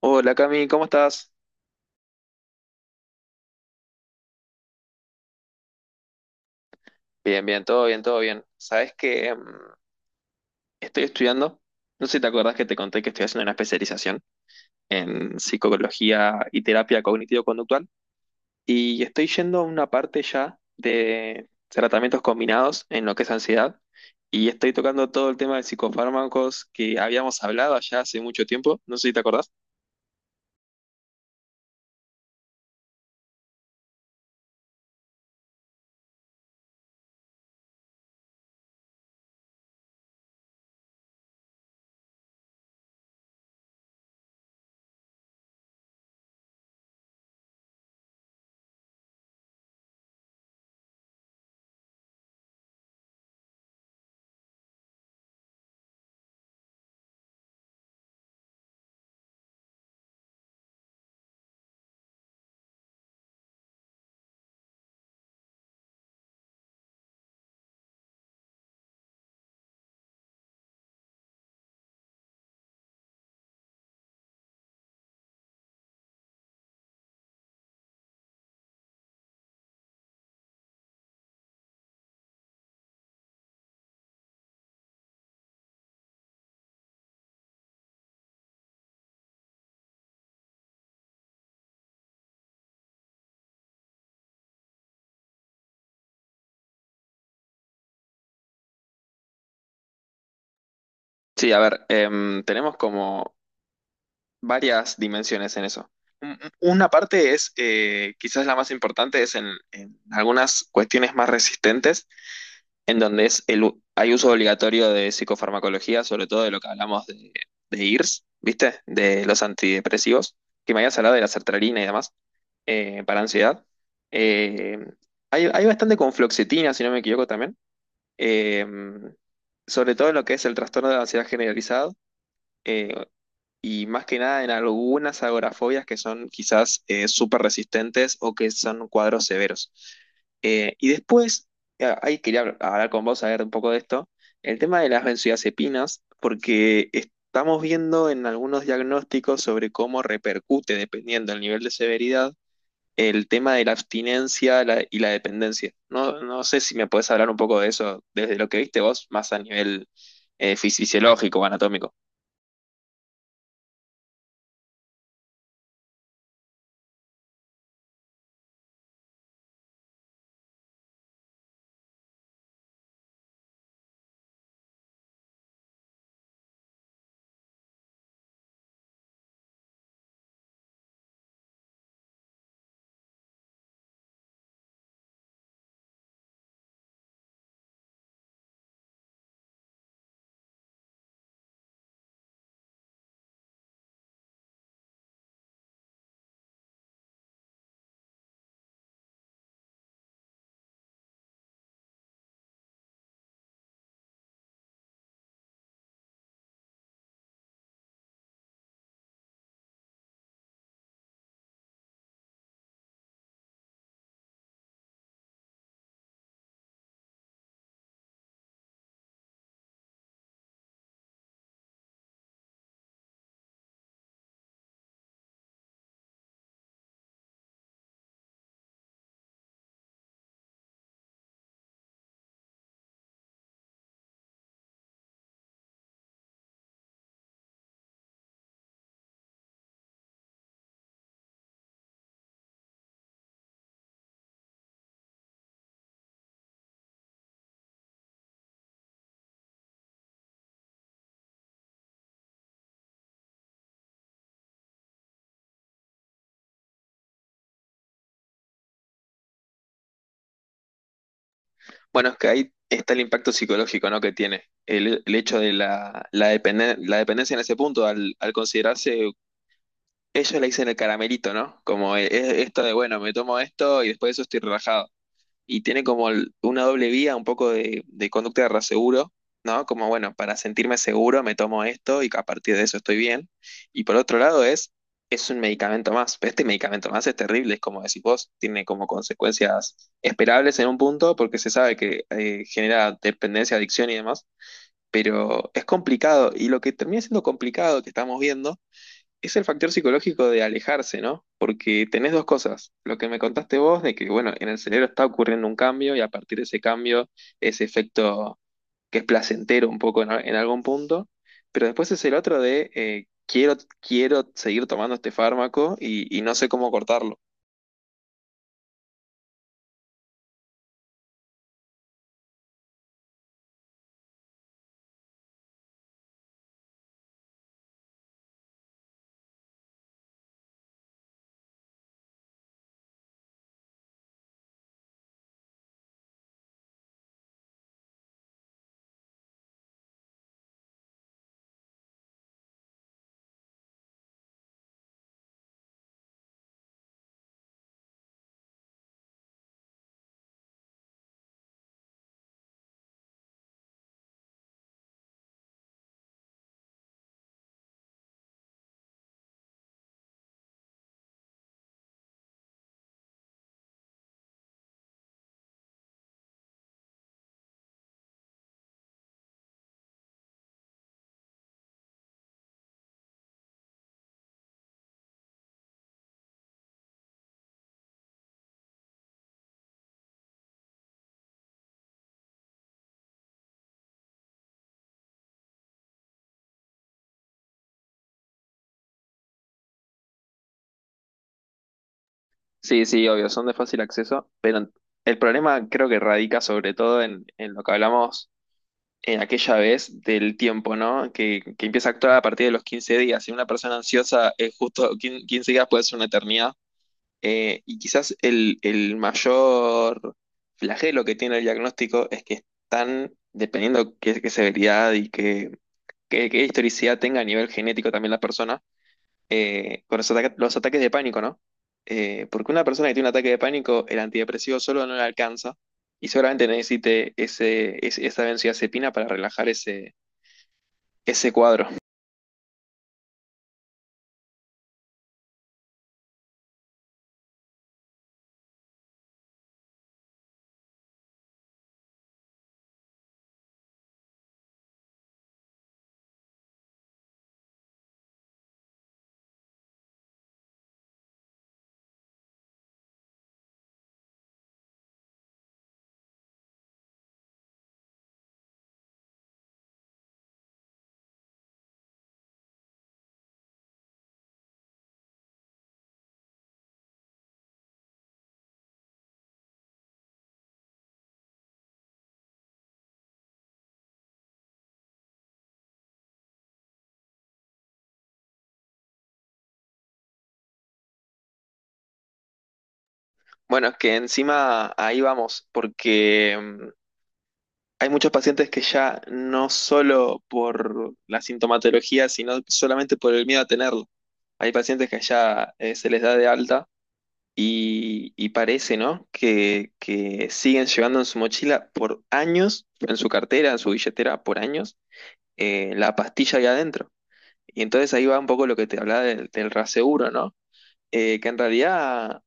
Hola Cami, ¿cómo estás? Bien, bien, todo bien, todo bien. Sabes que estoy estudiando, no sé si te acordás que te conté que estoy haciendo una especialización en psicología y terapia cognitivo-conductual y estoy yendo a una parte ya de tratamientos combinados en lo que es ansiedad y estoy tocando todo el tema de psicofármacos que habíamos hablado allá hace mucho tiempo, no sé si te acordás. Sí, a ver, tenemos como varias dimensiones en eso. Un- Una parte es, quizás la más importante, es en algunas cuestiones más resistentes, en donde es el, hay uso obligatorio de psicofarmacología, sobre todo de lo que hablamos de IRS, ¿viste? De los antidepresivos, que me habías hablado de la sertralina y demás, para ansiedad. Eh, hay, hay bastante con fluoxetina, si no me equivoco también, eh, sobre todo en lo que es el trastorno de ansiedad generalizado eh, y más que nada en algunas agorafobias que son quizás súper resistentes o que son cuadros severos. Y después, ahí quería hablar con vos, a ver un poco de esto, el tema de las benzodiazepinas, porque estamos viendo en algunos diagnósticos sobre cómo repercute, dependiendo del nivel de severidad, el tema de la abstinencia y la dependencia. No, no sé si me podés hablar un poco de eso, desde lo que viste vos, más a nivel fisiológico o anatómico. Bueno, es que ahí está el impacto psicológico, ¿no? Que tiene. El hecho de la dependencia en ese punto, al considerarse, ellos le dicen el caramelito, ¿no? Como esto de, bueno, me tomo esto y después de eso estoy relajado y tiene como una doble vía, un poco de conducta de raseguro, ¿no? Como, bueno, para sentirme seguro me tomo esto y a partir de eso estoy bien. Y por otro lado es un medicamento más, pero este medicamento más es terrible, es como decís vos, tiene como consecuencias esperables en un punto porque se sabe que genera dependencia, adicción y demás, pero es complicado y lo que termina siendo complicado que estamos viendo es el factor psicológico de alejarse, ¿no? Porque tenés dos cosas. Lo que me contaste vos de que, bueno, en el cerebro está ocurriendo un cambio y a partir de ese cambio, ese efecto que es placentero un poco en, en algún punto. Pero después es el otro de quiero seguir tomando este fármaco y no sé cómo cortarlo. Sí, sí, obvio, son de fácil acceso, pero el problema creo que radica sobre todo en lo que hablamos en aquella vez del tiempo, ¿no? Que empieza a actuar a partir de los 15 días. Si una persona ansiosa es justo 15 días puede ser una eternidad. Y quizás el mayor flagelo que tiene el diagnóstico es que están, dependiendo qué, qué severidad y qué, qué historicidad tenga a nivel genético también la persona, con los ataques de pánico, ¿no? Porque una persona que tiene un ataque de pánico, el antidepresivo solo no le alcanza y seguramente necesite esa benzodiazepina para relajar ese, ese cuadro. Bueno, es que encima ahí vamos, porque hay muchos pacientes que ya no solo por la sintomatología, sino solamente por el miedo a tenerlo. Hay pacientes que ya se les da de alta y parece, ¿no? Que siguen llevando en su mochila por años, en su cartera, en su billetera, por años, la pastilla ahí adentro. Y entonces ahí va un poco lo que te hablaba del, del raseguro, ¿no? Que en realidad,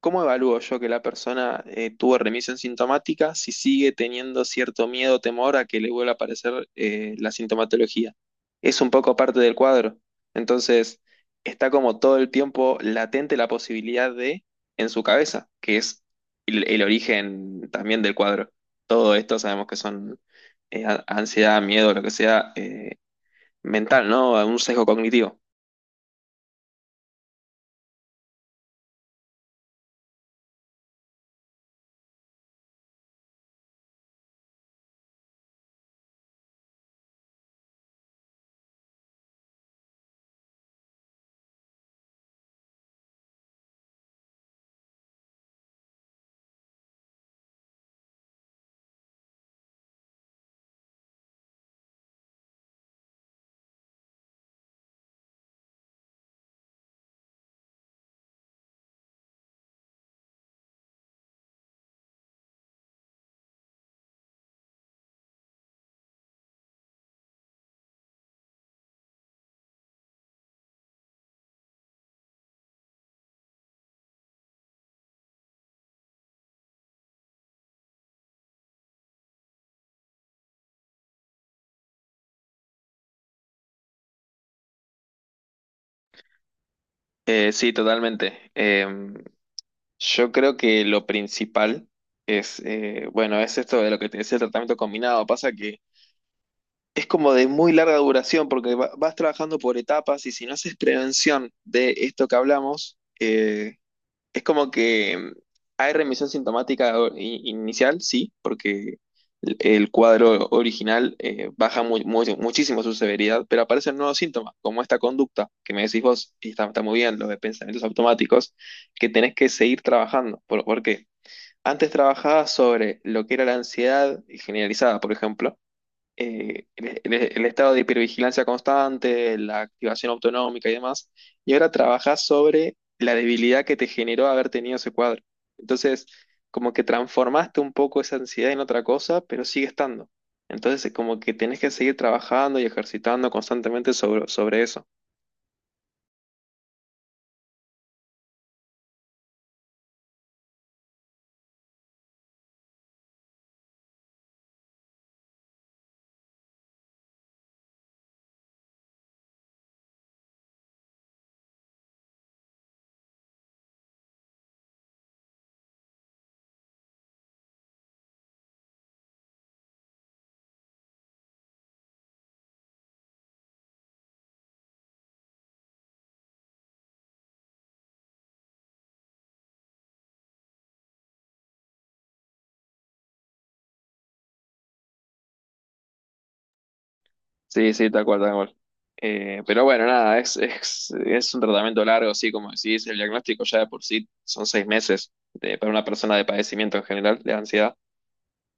¿cómo evalúo yo que la persona tuvo remisión sintomática si sigue teniendo cierto miedo o temor a que le vuelva a aparecer la sintomatología? Es un poco parte del cuadro. Entonces, está como todo el tiempo latente la posibilidad de, en su cabeza, que es el origen también del cuadro. Todo esto sabemos que son ansiedad, miedo, lo que sea, mental, ¿no? Un sesgo cognitivo. Sí, totalmente. Yo creo que lo principal es, bueno, es esto de lo que te decía el tratamiento combinado. Pasa que es como de muy larga duración porque vas trabajando por etapas y si no haces prevención de esto que hablamos, es como que hay remisión sintomática inicial, sí, porque el cuadro original baja muchísimo su severidad, pero aparecen nuevos síntomas, como esta conducta que me decís vos, y está, está muy bien, lo de pensamientos automáticos, que tenés que seguir trabajando. Por qué? Antes trabajaba sobre lo que era la ansiedad generalizada, por ejemplo, el, el estado de hipervigilancia constante, la activación autonómica y demás, y ahora trabajás sobre la debilidad que te generó haber tenido ese cuadro. Entonces, como que transformaste un poco esa ansiedad en otra cosa, pero sigue estando. Entonces, como que tenés que seguir trabajando y ejercitando constantemente sobre, sobre eso. Sí, sí, tal cual, tal cual. Pero bueno, nada, es un tratamiento largo, sí, como decís, el diagnóstico ya de por sí son 6 meses para una persona de padecimiento en general, de ansiedad.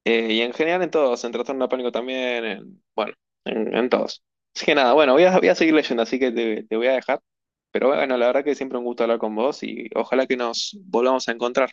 Y en general en todos, en trastorno de pánico también, bueno, en todos. Así que nada, bueno, voy a seguir leyendo, así que te voy a dejar. Pero bueno, la verdad que siempre un gusto hablar con vos y ojalá que nos volvamos a encontrar.